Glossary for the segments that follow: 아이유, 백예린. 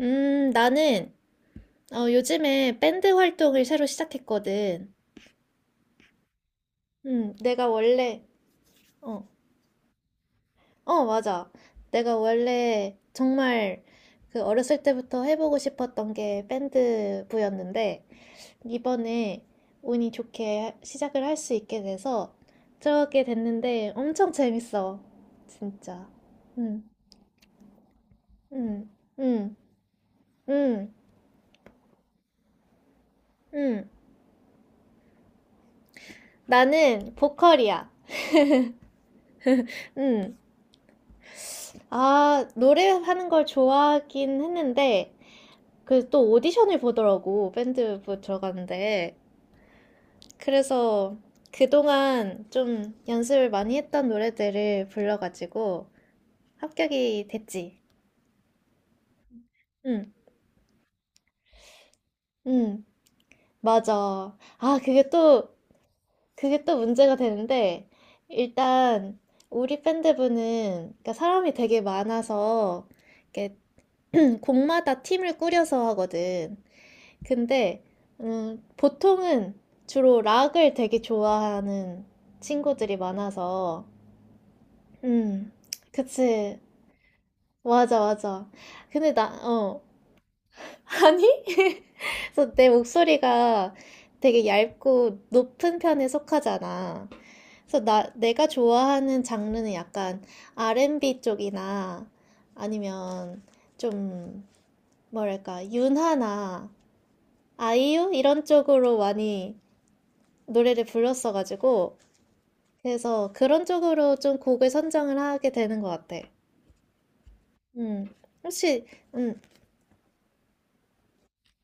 나는 요즘에 밴드 활동을 새로 시작했거든. 내가 원래 어, 어, 맞아. 내가 원래 정말 그 어렸을 때부터 해보고 싶었던 게 밴드부였는데 이번에 운이 좋게 시작을 할 수 있게 돼서 들어가게 됐는데 엄청 재밌어. 진짜. 음, 음, 음, 음, 음. 나는 보컬이야. 음. 아, 노래하는 걸 좋아하긴 했는데, 그 또 오디션을 보더라고, 밴드 부 들어가는데. 그래서 그동안 좀 연습을 많이 했던 노래들을 불러가지고 합격이 됐지. 응, 응, 맞아. 아, 그게 또 문제가 되는데, 일단 우리 밴드부는, 그러니까 사람이 되게 많아서, 이렇게 곡마다 팀을 꾸려서 하거든. 근데 보통은 주로 락을 되게 좋아하는 친구들이 많아서 음, 그치. 맞아, 맞아. 근데 아니? 그래서 내 목소리가 되게 얇고 높은 편에 속하잖아. 그래서 내가 좋아하는 장르는 약간 R&B 쪽이나 아니면 좀 뭐랄까, 윤하나 아이유 이런 쪽으로 많이 노래를 불렀어가지고 그래서 그런 쪽으로 좀 곡을 선정을 하게 되는 것 같아. 음, 혹시 음,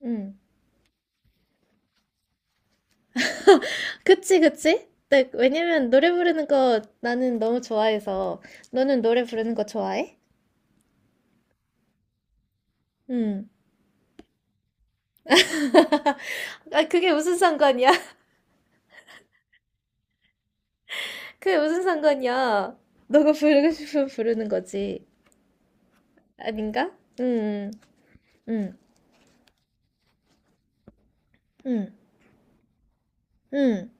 음, 그치 그치? 네, 왜냐면 노래 부르는 거 나는 너무 좋아해서 너는 노래 부르는 거 좋아해? 음, 아 그게 무슨 상관이야? 그게 무슨 상관이야? 너가 부르고 싶으면 부르는 거지. 아닌가? 음, 음, 음. 음.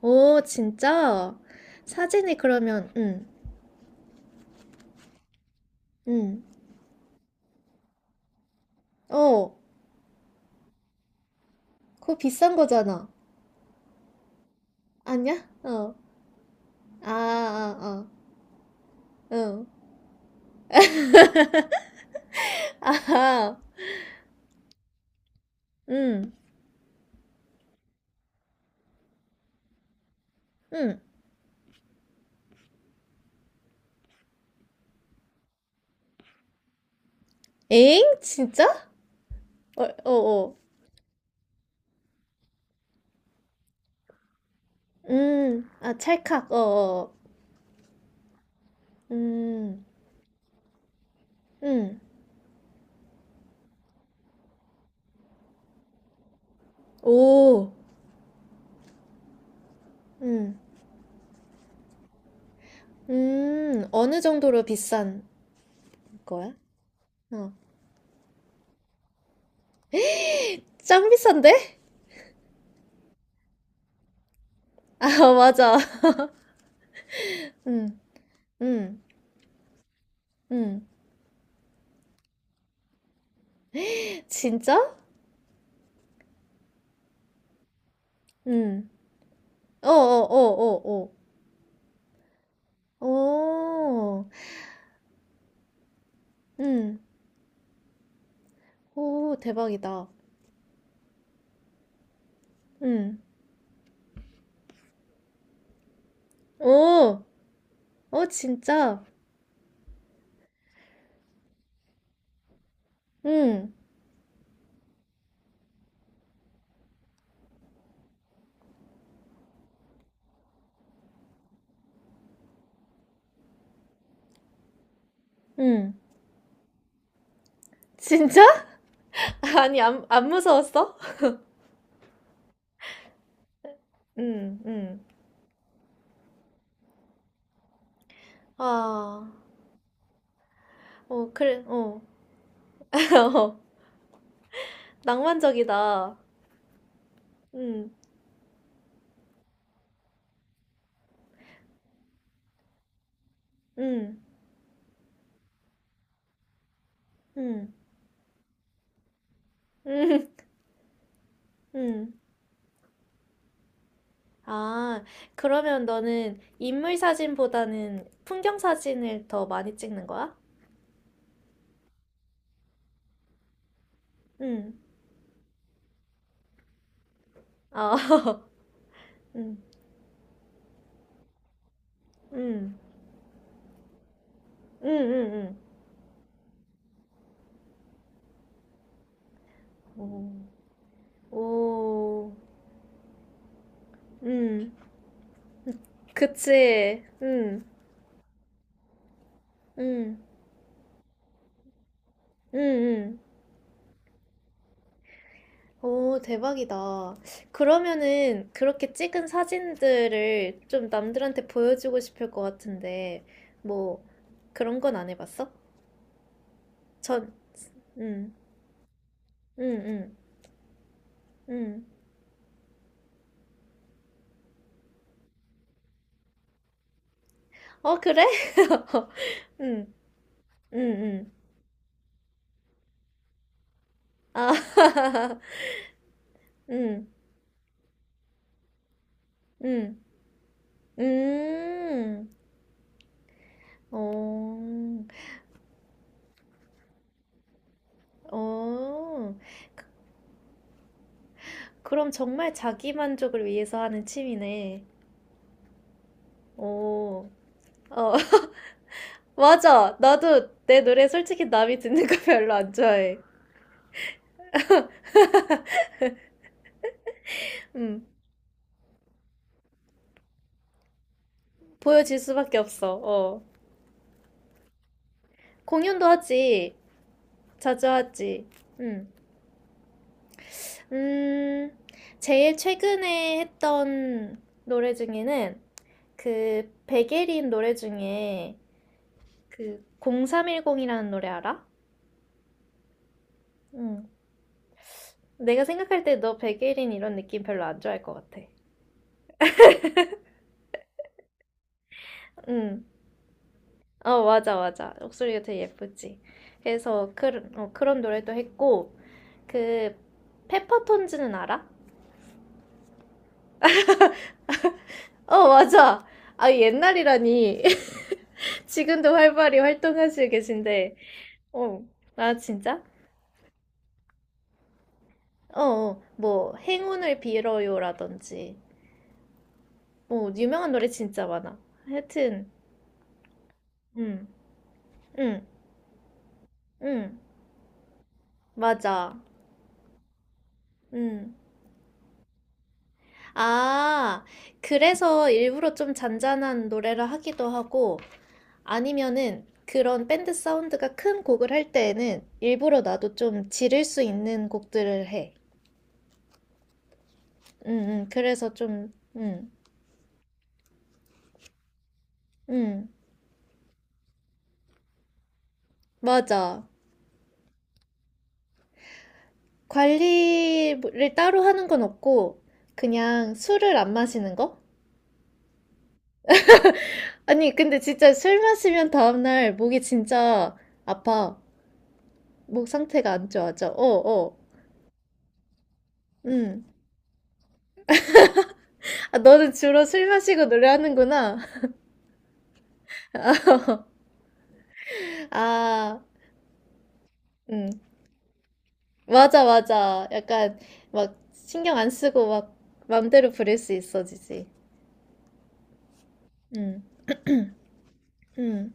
오, 진짜? 사진이 그러면. 응. 어, 그거 비싼 거잖아. 아니야? 어. 아, 아, 아. 응. 아하. 응. 응. 에잉? 진짜? 어, 어, 어. 음. 아, 찰칵. 어, 어. 음. 음. 오. 음. 음. 어느 정도로 비싼 거야? 어. 짱 비싼데? 아, 맞아. 음. 음. 음. 진짜? 음. 어, 어, 어, 어, 어. 오. 응. 오, 대박이다. 응. 오, 어, 진짜? 응, 응. 진짜? 아니, 안 무서웠어? 응, 응. 아, 어, 그래, 어. 어, 낭만적이다. 응, 응, 응, 응, 응. 아, 그러면 너는 인물 사진보다는 풍경 사진을 더 많이 찍는 거야? 응, 아, 응, 응, 응, 응, 응. 오, 오, 응. 그치. 응, 응, 응, 응. 오, 대박이다. 그러면은 그렇게 찍은 사진들을 좀 남들한테 보여주고 싶을 것 같은데, 뭐, 그런 건 안 해봤어? 전, 응, 응, 응, 응. 어, 그래? 응, 응, 응. 아, 응, 응, 음. 어, 어. 그- 그럼 정말 자기 만족을 위해서 하는 취미네. 어, 어, 맞아. 나도 내 노래 솔직히 남이 듣는 거 별로 안 좋아해. 음, 보여질 수밖에 없어. 어, 공연도 하지. 자주 하지. 음, 음, 제일 최근에 했던 노래 중에는 그 백예린 노래 중에 그 0310이라는 노래 알아? 음, 내가 생각할 때 너 백예린 이런 느낌 별로 안 좋아할 것 같아. 음. 어, 맞아, 맞아. 목소리가 되게 예쁘지. 그래서 그런 노래도 했고, 그, 페퍼톤즈는 알아? 어, 맞아. 아, 옛날이라니. 지금도 활발히 활동하시고 계신데. 어, 아, 진짜? 어, 어, 뭐, 행운을 빌어요라든지. 뭐, 유명한 노래 진짜 많아. 하여튼, 응, 응, 응, 맞아. 응. 아, 그래서 일부러 좀 잔잔한 노래를 하기도 하고, 아니면은 그런 밴드 사운드가 큰 곡을 할 때에는 일부러 나도 좀 지를 수 있는 곡들을 해. 응, 응. 그래서 좀, 응, 응. 맞아. 관리를 따로 하는 건 없고, 그냥 술을 안 마시는 거? 아니, 근데 진짜 술 마시면 다음날 목이 진짜 아파. 목 상태가 안 좋아져. 어, 어. 응. 아, 너는 주로 술 마시고 노래하는구나. 아, 응. 맞아, 맞아. 약간 막 신경 안 쓰고 막 맘대로 부릴 수 있어지지. 응, 응,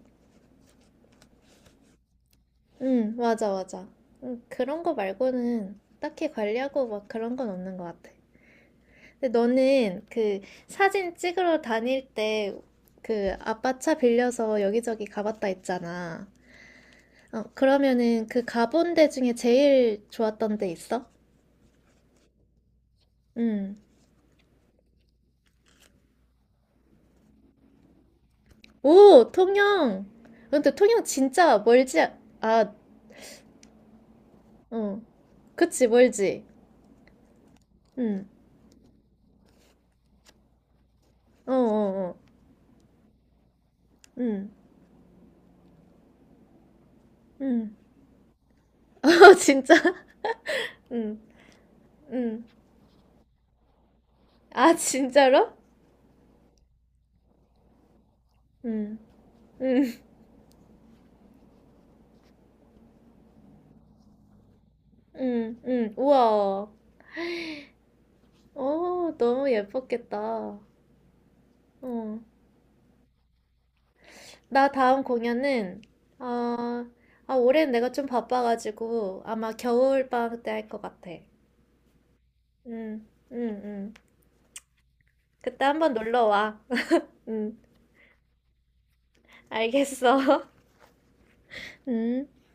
응, 맞아, 맞아. 응, 그런 거 말고는 딱히 관리하고 막 그런 건 없는 것 같아. 근데 너는 그 사진 찍으러 다닐 때 그 아빠 차 빌려서 여기저기 가봤다 했잖아. 어, 그러면은 그 가본 데 중에 제일 좋았던 데 있어? 응. 오, 통영! 근데 통영 진짜 멀지, 아, 아, 어. 그치, 멀지. 응, 어, 어, 어, 응, 응. 어, 진짜? 응, 응. 아, 진짜로? 응, 응, 응, 응. 우와. 어, 너무 예뻤겠다. 어. 나 다음 공연은, 어, 아, 올해는 내가 좀 바빠가지고 아마 겨울방학 때 할 것 같아. 응, 응, 응. 그때 한번 놀러 와. 응, 알겠어. 응.